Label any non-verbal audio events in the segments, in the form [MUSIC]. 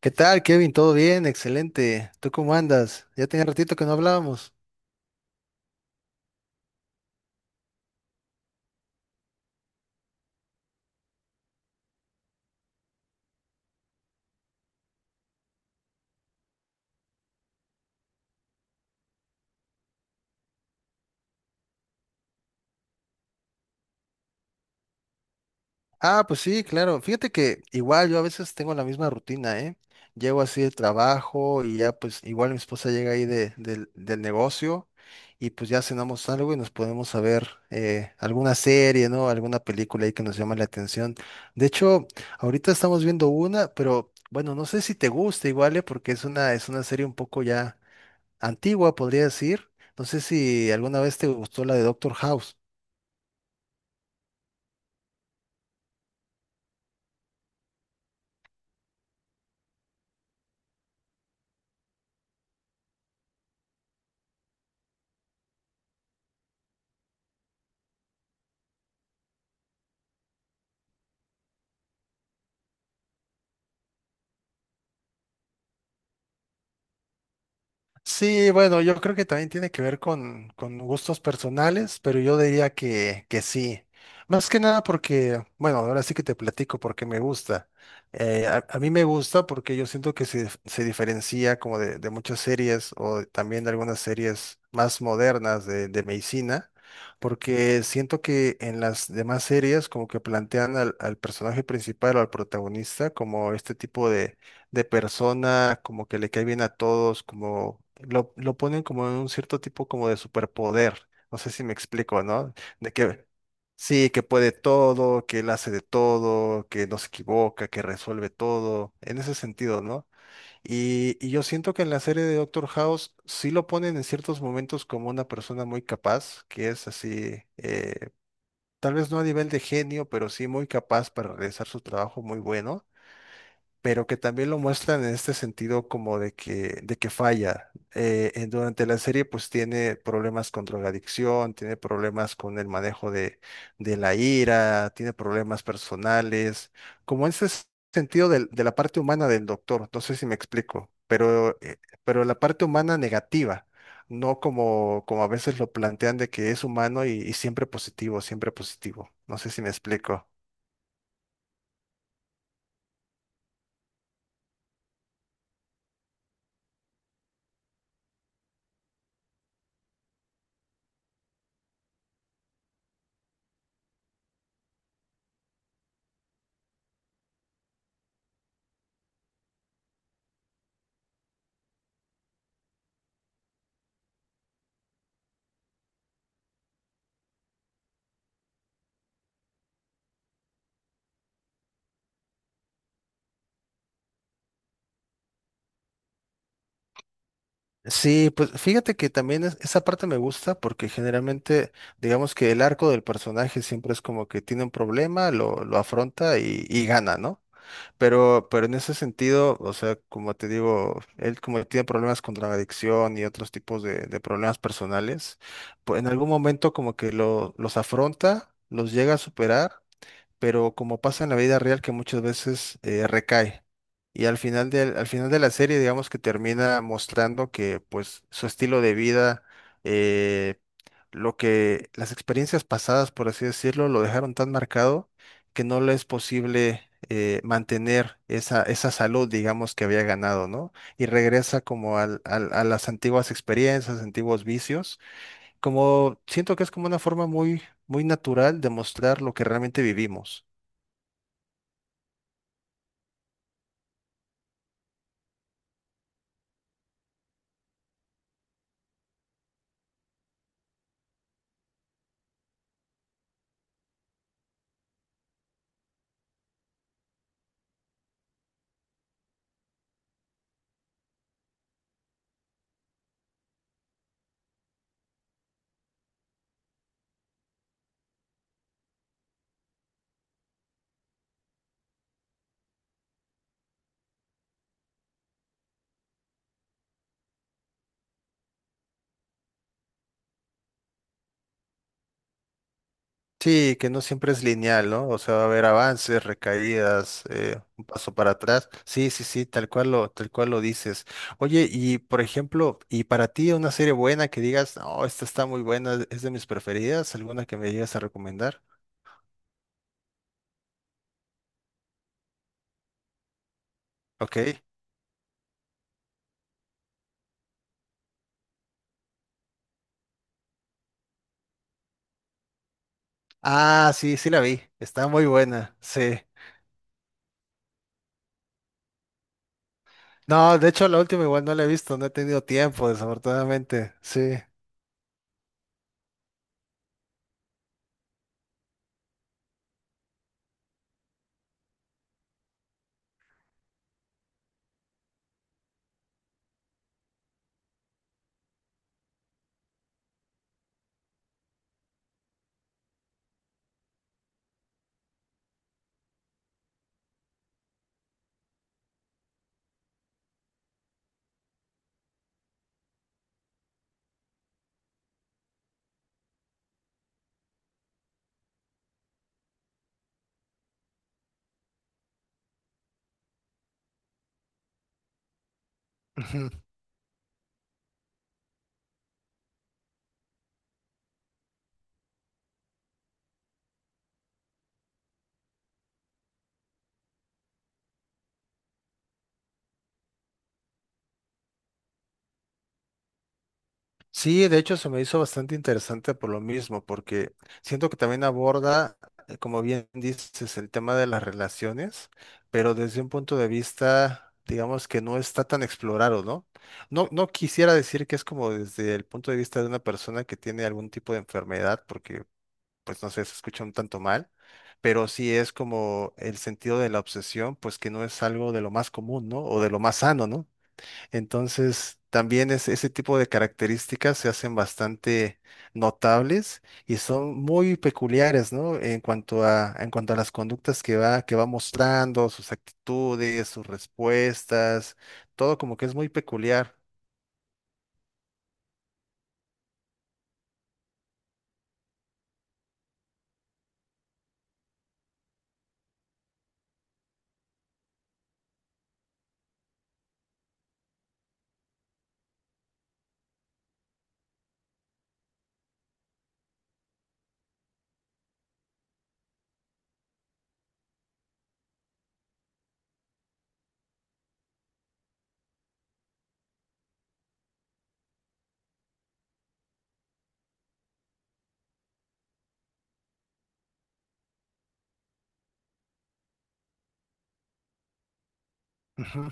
¿Qué tal, Kevin? ¿Todo bien? Excelente. ¿Tú cómo andas? Ya tenía ratito que no hablábamos. Ah, pues sí, claro. Fíjate que igual yo a veces tengo la misma rutina, ¿eh? Llego así del trabajo y ya pues igual mi esposa llega ahí del negocio y pues ya cenamos algo y nos podemos a ver alguna serie, ¿no? Alguna película ahí que nos llama la atención. De hecho, ahorita estamos viendo una, pero bueno, no sé si te gusta igual, ¿eh? Porque es una serie un poco ya antigua, podría decir. No sé si alguna vez te gustó la de Doctor House. Sí, bueno, yo creo que también tiene que ver con gustos personales, pero yo diría que sí. Más que nada porque, bueno, ahora sí que te platico porque me gusta. A mí me gusta porque yo siento que se diferencia como de muchas series o también de algunas series más modernas de medicina, porque siento que en las demás series como que plantean al personaje principal o al protagonista como este tipo de persona, como que le cae bien a todos, como lo ponen como en un cierto tipo como de superpoder. No sé si me explico, ¿no? De que sí, que puede todo, que él hace de todo, que no se equivoca, que resuelve todo, en ese sentido, ¿no? Y yo siento que en la serie de Doctor House sí lo ponen en ciertos momentos como una persona muy capaz, que es así, tal vez no a nivel de genio, pero sí muy capaz para realizar su trabajo muy bueno, pero que también lo muestran en este sentido como de de que falla. Durante la serie pues tiene problemas con drogadicción, tiene problemas con el manejo de la ira, tiene problemas personales, como ese sentido la parte humana del doctor, no sé si me explico, pero la parte humana negativa. No como, como a veces lo plantean de que es humano y siempre positivo, siempre positivo. No sé si me explico. Sí, pues fíjate que también esa parte me gusta porque generalmente, digamos que el arco del personaje siempre es como que tiene un problema, lo afronta y gana, ¿no? Pero en ese sentido, o sea, como te digo, él como tiene problemas con la adicción y otros tipos de problemas personales, pues en algún momento como que los afronta, los llega a superar, pero como pasa en la vida real que muchas veces recae. Y al final al final de la serie, digamos que termina mostrando que pues su estilo de vida, eh, lo que las experiencias pasadas, por así decirlo, lo dejaron tan marcado que no le es posible mantener esa salud, digamos, que había ganado, ¿no? Y regresa como a las antiguas experiencias, antiguos vicios, como siento que es como una forma muy natural de mostrar lo que realmente vivimos. Sí, que no siempre es lineal, ¿no? O sea, va a haber avances, recaídas, un paso para atrás. Sí, sí, sí, tal cual lo dices. Oye, y por ejemplo, ¿y para ti una serie buena que digas, no, esta está muy buena, es de mis preferidas? ¿Alguna que me llegas a recomendar? Ok. Ah, sí, sí la vi. Está muy buena, sí. No, de hecho la última igual no la he visto, no he tenido tiempo, desafortunadamente. Sí. [LAUGHS] Sí, de hecho se me hizo bastante interesante por lo mismo, porque siento que también aborda, como bien dices, el tema de las relaciones, pero desde un punto de vista, digamos que no está tan explorado, ¿no? No, no quisiera decir que es como desde el punto de vista de una persona que tiene algún tipo de enfermedad, porque pues no sé, se escucha un tanto mal, pero sí es como el sentido de la obsesión, pues que no es algo de lo más común, ¿no? O de lo más sano, ¿no? Entonces, también es, ese tipo de características se hacen bastante notables y son muy peculiares, ¿no? En cuanto a las conductas que que va mostrando, sus actitudes, sus respuestas, todo como que es muy peculiar. Ujú.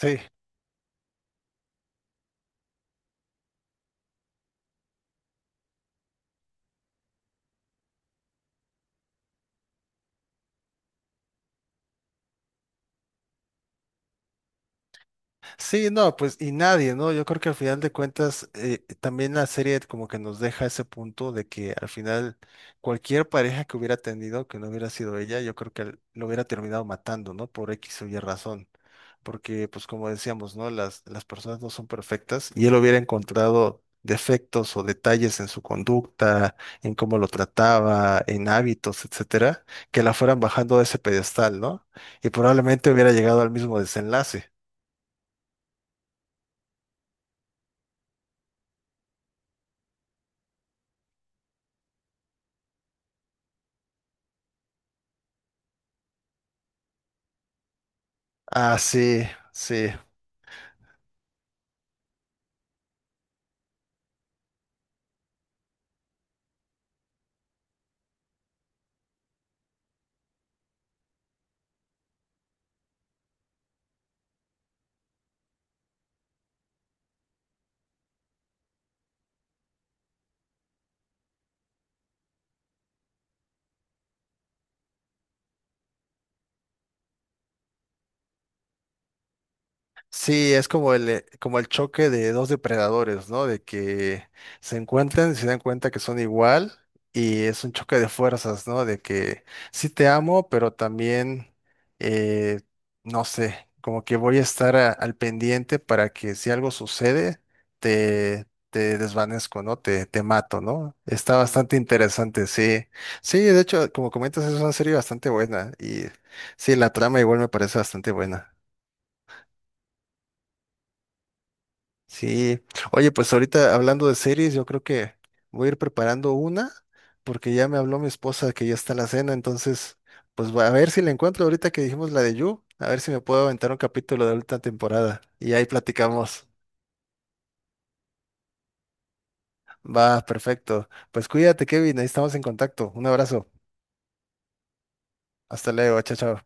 Sí. Sí, no, pues y nadie, ¿no? Yo creo que al final de cuentas también la serie como que nos deja ese punto de que al final cualquier pareja que hubiera tenido, que no hubiera sido ella, yo creo que lo hubiera terminado matando, ¿no? Por X o Y razón. Porque pues como decíamos, ¿no? Las personas no son perfectas y él hubiera encontrado defectos o detalles en su conducta, en cómo lo trataba, en hábitos, etcétera, que la fueran bajando de ese pedestal, ¿no? Y probablemente hubiera llegado al mismo desenlace. Ah, sí, sí. Sí, es como el choque de dos depredadores, ¿no? De que se encuentran y se dan cuenta que son igual y es un choque de fuerzas, ¿no? De que sí te amo, pero también, eh, no sé, como que voy a estar al pendiente para que si algo sucede, te, te desvanezco, ¿no? Te mato, ¿no? Está bastante interesante, sí. Sí, de hecho, como comentas, es una serie bastante buena y sí, la trama igual me parece bastante buena. Sí, oye, pues ahorita hablando de series, yo creo que voy a ir preparando una porque ya me habló mi esposa que ya está la cena, entonces pues a ver si la encuentro ahorita que dijimos la de You, a ver si me puedo aventar un capítulo de última temporada y ahí platicamos. Va, perfecto. Pues cuídate, Kevin, ahí estamos en contacto. Un abrazo. Hasta luego, chao, chao.